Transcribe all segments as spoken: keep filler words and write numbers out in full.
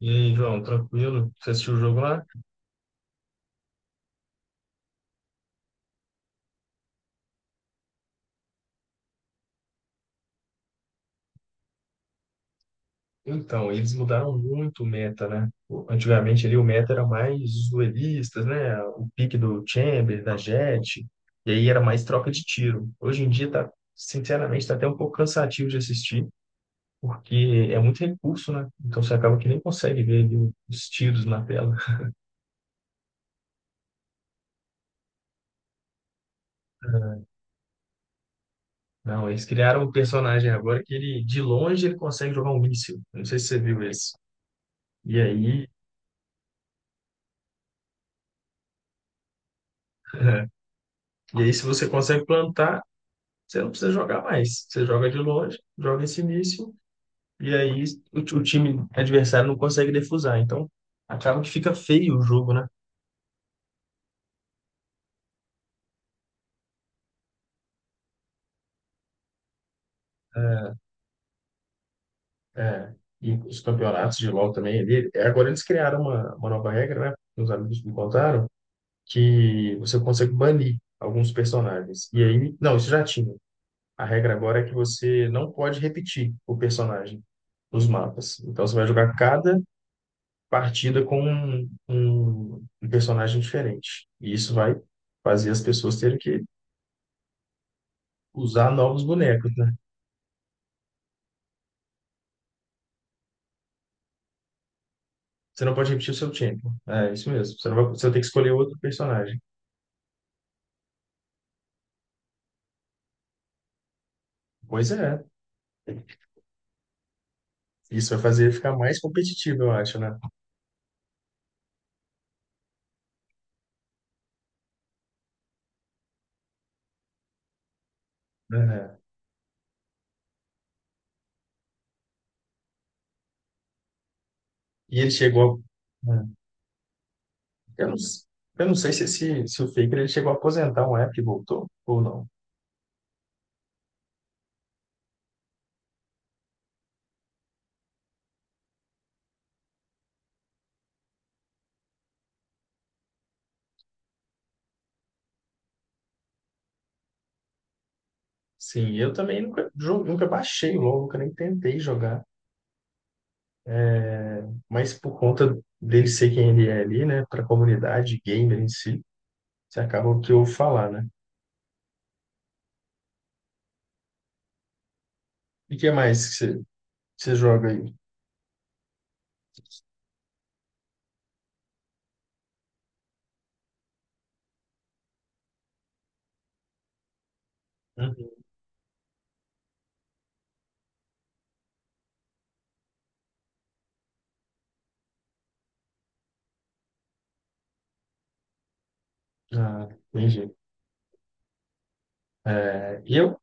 E aí, João, tranquilo? Você assistiu o jogo lá? Então, eles mudaram muito o meta, né? O- Antigamente ali o meta era mais os duelistas, né? O pique do Chamber, da Jett, e aí era mais troca de tiro. Hoje em dia tá, sinceramente, tá até um pouco cansativo de assistir, porque é muito recurso, né? Então você acaba que nem consegue ver ali os tiros na tela. Não, eles criaram um personagem agora que ele, de longe, ele consegue jogar um míssil. Não sei se você viu esse. E aí, e aí, se você consegue plantar, você não precisa jogar mais. Você joga de longe, joga esse início, e aí o, ti- o time adversário não consegue defusar. Então, acaba que fica feio o jogo, né? É, é. E os campeonatos de LoL também ali. é, Agora eles criaram uma, uma nova regra, né? Meus amigos me contaram, que você consegue banir alguns personagens. E aí, não, isso já tinha. A regra agora é que você não pode repetir o personagem nos mapas. Então você vai jogar cada partida com um, um- um personagem diferente. E isso vai fazer as pessoas terem que usar novos bonecos, né? Você não pode repetir o seu tempo. É isso mesmo. Você não vai, você vai ter que escolher outro personagem. Pois é. Isso vai fazer ele ficar mais competitivo, eu acho, né? É. E ele chegou. a- é. Eu não, eu não sei se, se, se o Faker ele chegou a aposentar um app e voltou ou não. Sim, eu também nunca, jo- nunca baixei o LoL, nunca nem tentei jogar. Mas por conta dele ser quem ele é ali, né, para a comunidade gamer em si, você acaba o que eu falar, né? E o que mais que você, você joga aí? Uhum. Ah, entendi. É, e eu,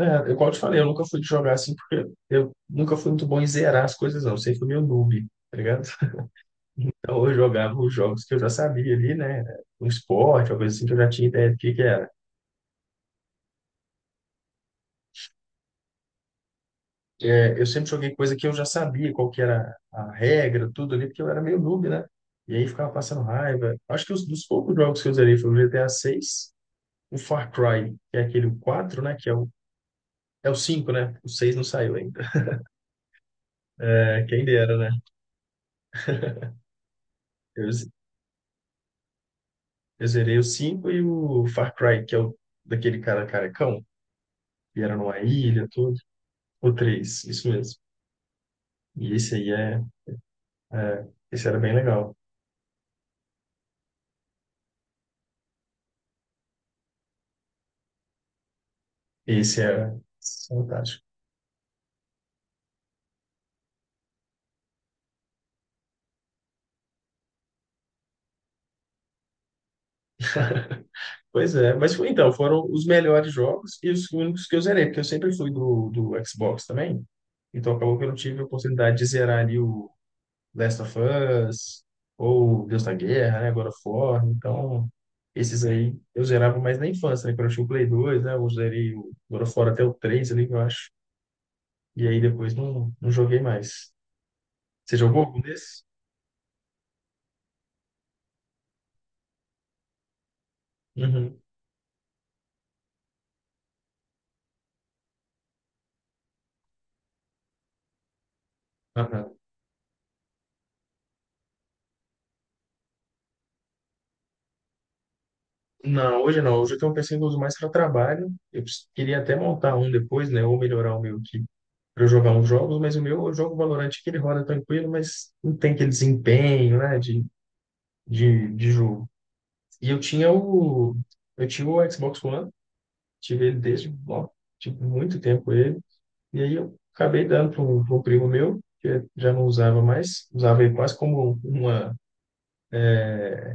é, igual eu te falei, eu nunca fui de jogar assim, porque eu nunca fui muito bom em zerar as coisas, não. Eu sempre fui meio noob, tá ligado? Então eu jogava os jogos que eu já sabia ali, né? Um esporte, alguma coisa assim, que eu já tinha ideia do que que era. É, eu sempre joguei coisa que eu já sabia qual que era a regra, tudo ali, porque eu era meio noob, né? E aí ficava passando raiva. Acho que os, dos poucos jogos que eu zerei foi o G T A seis, o Far Cry, que é aquele o quatro né? Que é o, é o cinco né? O seis não saiu ainda. É, quem dera, né? Eu, ze- eu zerei o cinco e o Far Cry, que é o daquele cara carecão, que era numa ilha, tudo. O três isso mesmo. E esse aí é, é, esse era bem legal. Esse era fantástico. Pois é, mas foi- então, foram os melhores jogos e os únicos que eu zerei, porque eu sempre fui do, do Xbox também. Então acabou que eu não tive a oportunidade de zerar ali o Last of Us, ou Deus da Guerra, né? God of War. Então, esses aí eu zerava mais na infância, né? Quando eu tinha o Play dois, né? Eu zerei o God of War até o três ali, eu acho. E aí depois não, não joguei mais. Você jogou algum desses? Uhum. Não, hoje não. Hoje eu tenho um P C que eu uso mais para trabalho. Eu preci- queria até montar um depois, né? Ou melhorar o meu aqui para eu jogar uns jogos, mas o meu eu jogo Valorant que ele roda tranquilo, mas não tem aquele desempenho, né? De, de, de jogo. E eu tinha o. Eu tinha o Xbox One, tive ele desde, ó, tive muito tempo ele. E aí eu acabei dando para um, pra um primo meu, que já não usava mais, usava ele quase como uma. É,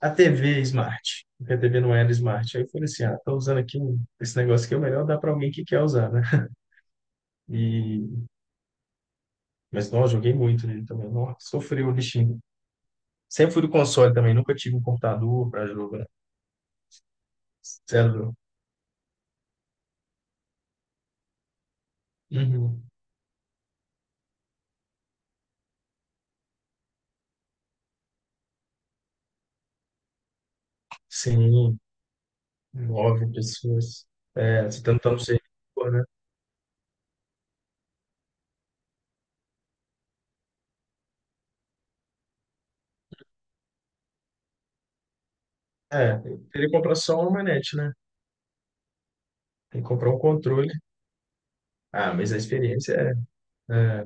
a T V Smart, porque a T V não era Smart. Aí eu falei assim, ah, tô usando aqui um- esse negócio aqui, é melhor dar para alguém que quer usar, né? E, mas, não, eu joguei muito nele também. Nossa, sofri o bichinho. Sempre fui do console também, nunca tive um computador para jogar. Sério. Uhum. Sim, nove pessoas. É, você tentando ser, rico, né? É, eu teria que comprar só uma manete, né? Tem que comprar um controle. Ah, mas a experiência é... É,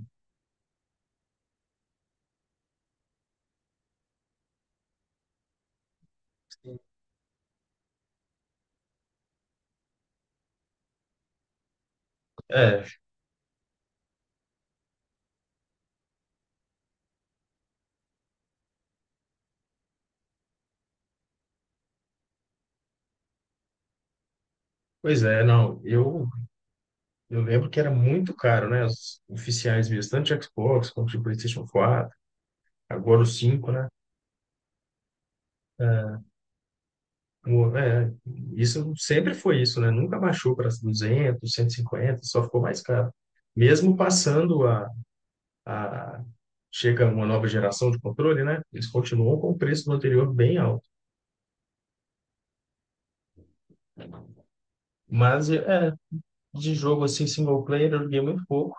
é, pois é, não. Eu eu lembro que era muito caro, né? Os oficiais mesmo, tanto de Xbox quanto de PlayStation quatro, agora o cinco, né? é, O- É, isso sempre foi isso, né? Nunca baixou para duzentos, cento e cinquenta, só ficou mais caro. Mesmo passando a, a... chega uma nova geração de controle, né? Eles continuam com o preço do anterior bem alto. Mas, é, de jogo assim, single player, eu joguei muito pouco.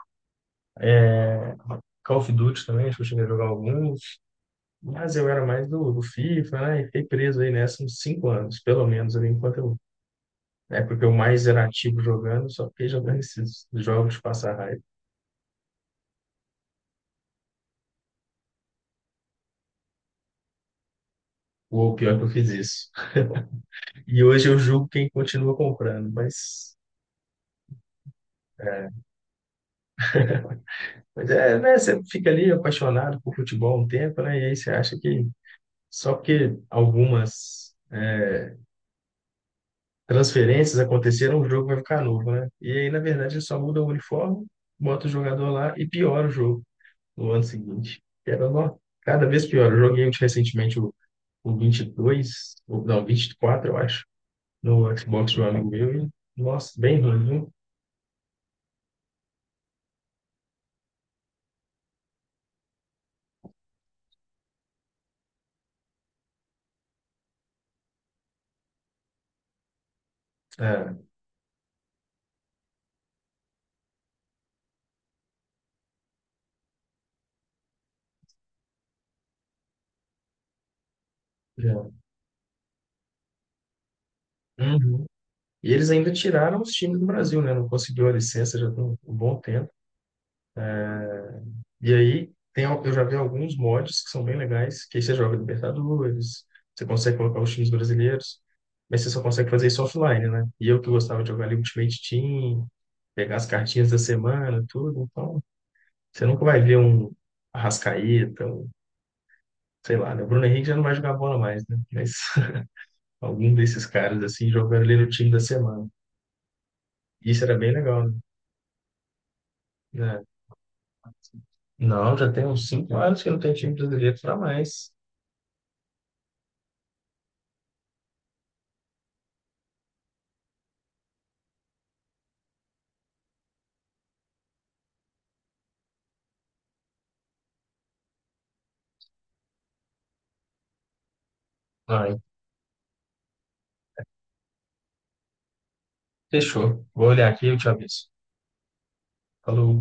Call of Duty também, acho que eu cheguei a jogar alguns. Mas eu era mais do, do FIFA, né? E fiquei preso aí nessa uns cinco anos, pelo menos, ali, enquanto eu. Na época que eu mais era ativo jogando, só fiquei jogando esses jogos de passar raiva. Ou pior é que eu fiz isso. E hoje eu julgo quem continua comprando, mas. Mas é, né? Você fica ali apaixonado por futebol um tempo, né? E aí você acha que só porque algumas transferências aconteceram, o jogo vai ficar novo, né? E aí, na verdade, eles só mudam o uniforme, bota o jogador lá e piora o jogo no ano seguinte. Era nó, cada vez pior. Eu joguei recentemente o, o vinte e dois ou, não, vinte e quatro, eu acho, no Xbox de um amigo meu. E, nossa, bem ruim, viu? É, já. Uhum. E eles ainda tiraram os times do Brasil, né? Não conseguiu a licença já tem um bom tempo. E aí, tem, al- eu já vi alguns mods que são bem legais, que aí você joga Libertadores, você consegue colocar os times brasileiros, mas você só consegue fazer isso offline, né? E eu que gostava de jogar ali Ultimate Team, pegar as cartinhas da semana, tudo, então você nunca vai ver um Arrascaeta, um, sei lá, né? O Bruno Henrique já não vai jogar bola mais, né? Mas algum desses caras, assim, jogando ali no time da semana. Isso era bem legal, né? É. Não, já tem uns cinco anos que não tem time brasileiro para mais. Ah, fechou. Vou olhar aqui e eu te aviso. Falou.